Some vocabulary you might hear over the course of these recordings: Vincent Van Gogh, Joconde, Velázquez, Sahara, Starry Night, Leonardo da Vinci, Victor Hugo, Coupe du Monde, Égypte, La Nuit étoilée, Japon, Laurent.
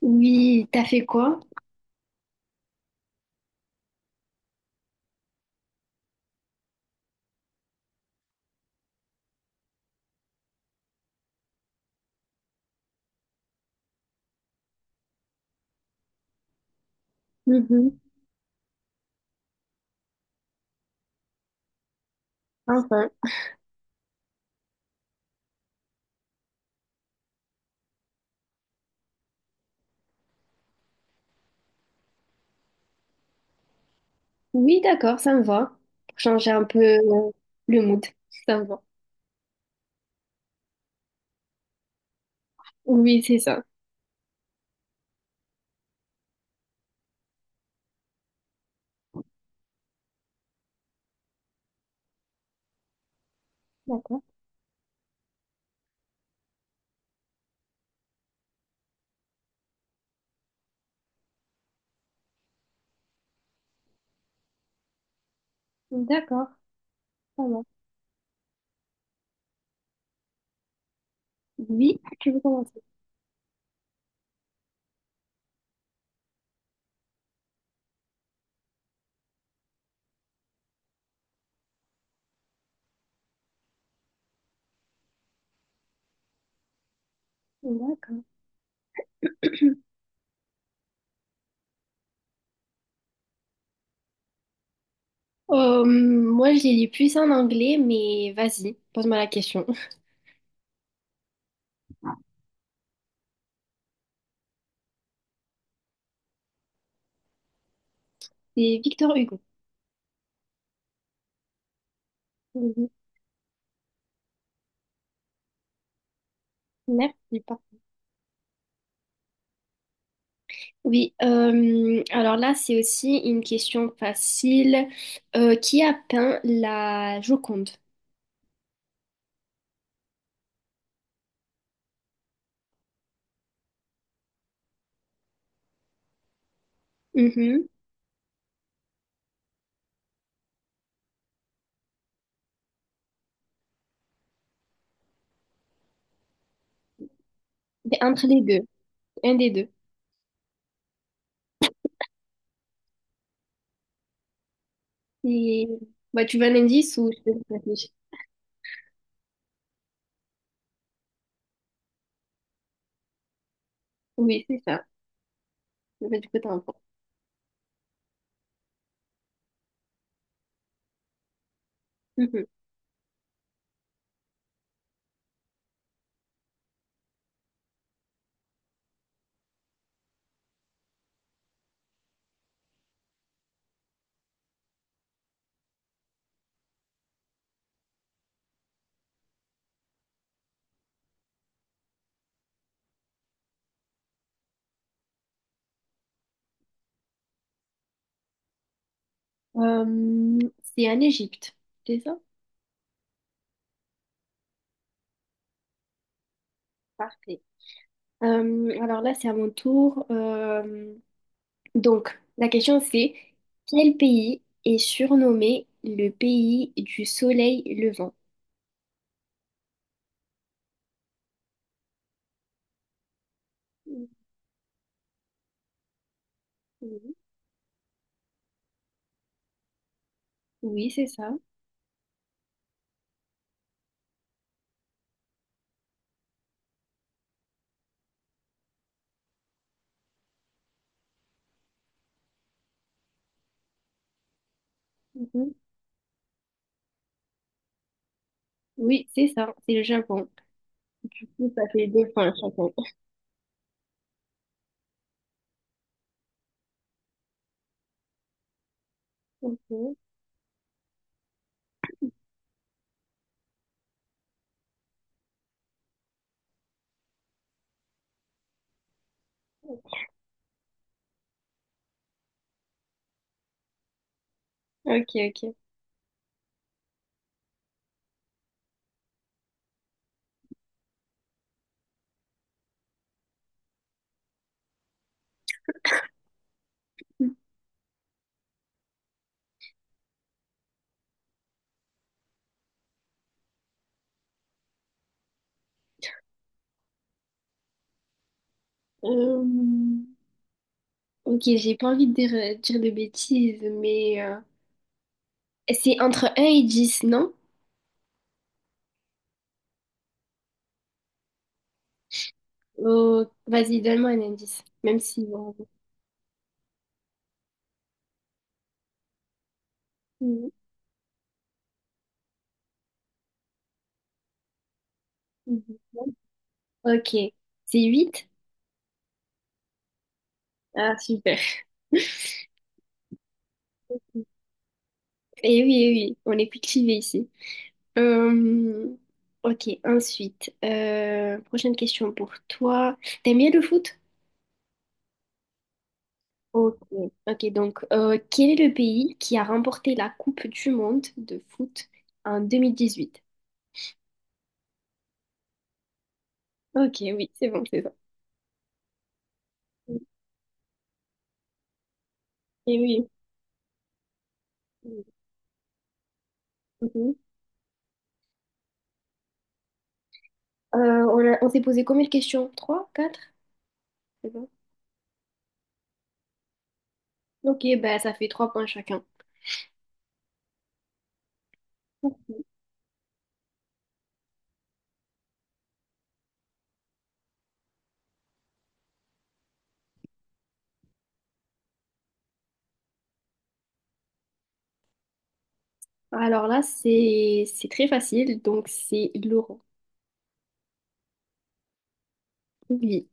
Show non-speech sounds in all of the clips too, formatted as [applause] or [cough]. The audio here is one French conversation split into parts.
Oui, t'as fait quoi? Mhm. Enfin. Oui, d'accord, ça me va. Pour changer un peu le mood, si ça me va. Oui, c'est ça. D'accord. D'accord, ça va. Oui. Tu veux commencer? D'accord. Moi, je les lis plus en anglais, mais vas-y, pose-moi la question. [laughs] C'est Victor Hugo. Mhm. Merci. Oui, alors là, c'est aussi une question facile. Qui a peint la Joconde? Mhm. C'est entre les deux, un des deux. Et bah, tu veux un indice ou je te laisse réfléchir? Oui, c'est ça. Bah, du coup, t'as un point. Mhm. C'est en Égypte, c'est ça? Parfait. Alors là, c'est à mon tour. Donc, la question c'est quel pays est surnommé le pays du soleil levant? Mhm. Oui, c'est ça. Mhm. Oui, c'est ça. C'est le Japon. Du coup, ça fait deux points chacun. [laughs] Ok, ok. Ok. Euh, Ok, j'ai pas envie de dire de bêtises, mais c'est entre un et 10, non? Oh, vas-y, donne-moi un indice, même si bon, mhm, mhm. Ok, c'est 8. Ah, super. [laughs] Et oui, eh oui, on est cultivé ici. Euh, ok, ensuite, prochaine question pour toi. T'aimes bien le foot? Ok, ok, donc quel est le pays qui a remporté la Coupe du Monde de foot en 2018. Ok, oui, c'est bon, c'est ça. Et oui. Mhm. On on s'est posé combien de questions? Trois, quatre? C'est bon. Ok, bah, ça fait trois points chacun. Alors là, c'est très facile, donc c'est Laurent. Oui.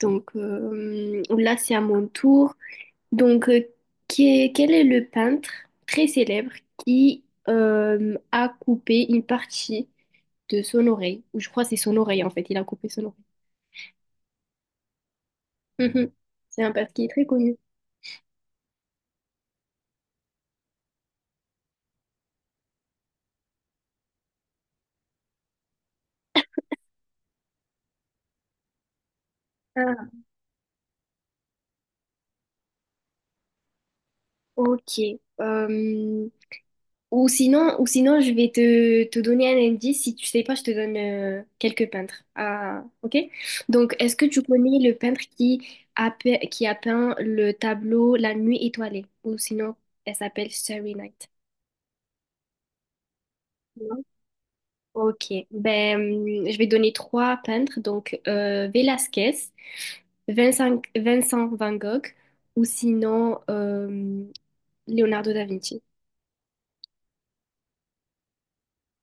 Donc là, c'est à mon tour. Donc, quel est le peintre très célèbre qui a coupé une partie de son oreille? Ou je crois que c'est son oreille en fait, il a coupé son oreille. Mhm. C'est un peintre qui est très connu. Ah, ok. Euh, Ou sinon, je vais te donner un indice. Si tu sais pas, je te donne quelques peintres. Ah, ok? Donc, est-ce que tu connais le peintre qui a peint le tableau La Nuit étoilée? Ou sinon, elle s'appelle Starry Night. Non? Ok. Ben, je vais donner trois peintres. Donc, Velázquez, Vincent Van Gogh, ou sinon, Leonardo da Vinci.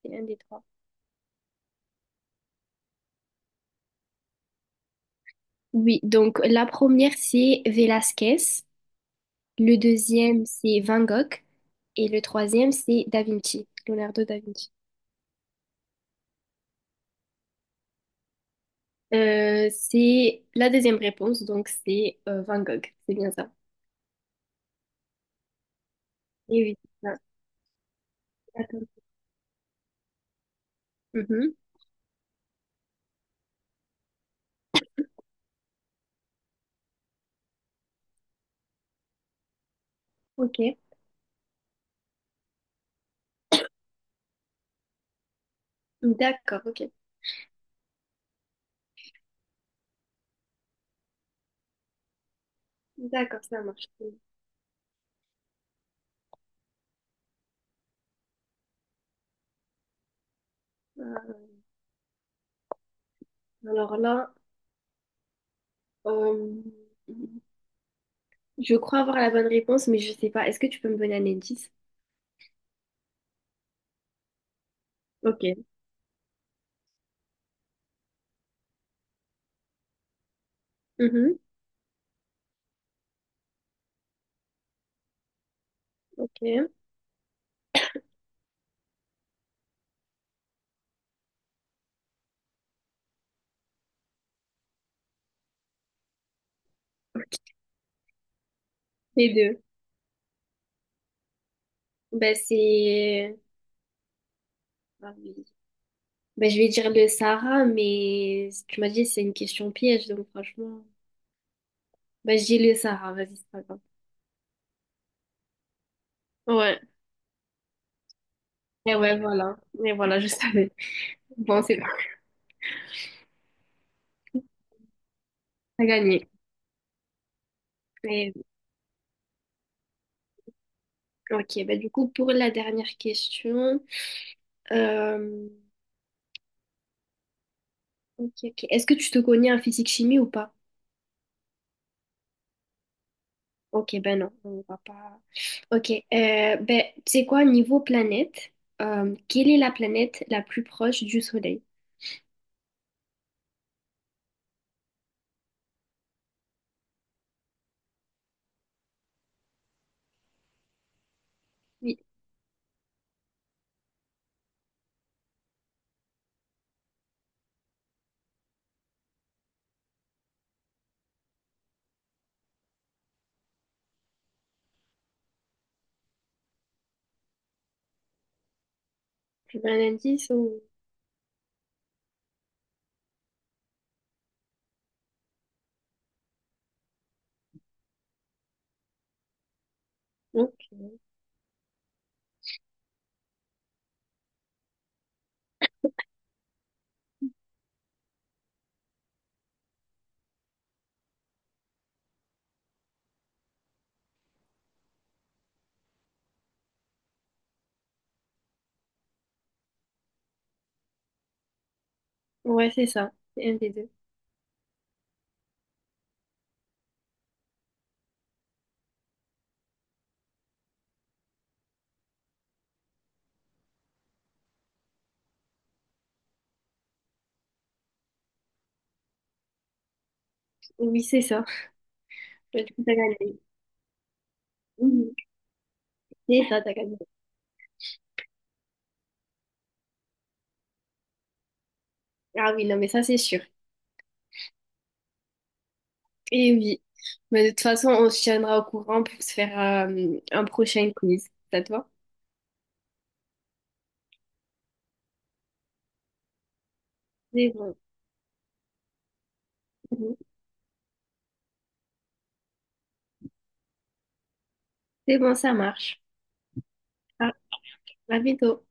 C'est un des trois. Oui, donc la première, c'est Velázquez. Le deuxième, c'est Van Gogh. Et le troisième, c'est Da Vinci, Leonardo da Vinci. C'est la deuxième réponse, donc c'est Van Gogh. C'est bien ça. Et oui, c'est ça. D'accord. Mhm. Ok. D'accord, ok. D'accord, ça marche. Euh, alors là, euh, je crois avoir la bonne réponse, mais je sais pas. Est-ce que tu peux me donner un indice? Ok. Mhm. Ok. Les deux. Ben, c'est... Ah oui. Bah, je vais dire le Sahara, mais tu m'as dit c'est une question piège, donc franchement. Bah, je dis le Sahara, vas-y, c'est pas grave. Ouais, et ouais, voilà. Et voilà, je savais. [laughs] Bon, c'est bon, t'as gagné. Et- ok, bah du coup, pour la dernière question. euh, ok, ok. Est-ce que tu te connais en physique-chimie ou pas? Ok, ben non, on va pas. Ok, ben, tu sais quoi, niveau planète, quelle est la planète la plus proche du Soleil? Oui, tu veux un indice ou... Non? Ouais, c'est ça. C'est un des deux. Oui, c'est ça. Ouais, du coup, t'as gagné. Mhm. C'est ça, t'as gagné. Ah oui, non, mais ça, c'est sûr. Et oui. Mais de toute façon, on se tiendra au courant pour se faire un prochain quiz. Ça te va? C'est bon. Mhm. C'est bon, ça marche. Ah, à bientôt.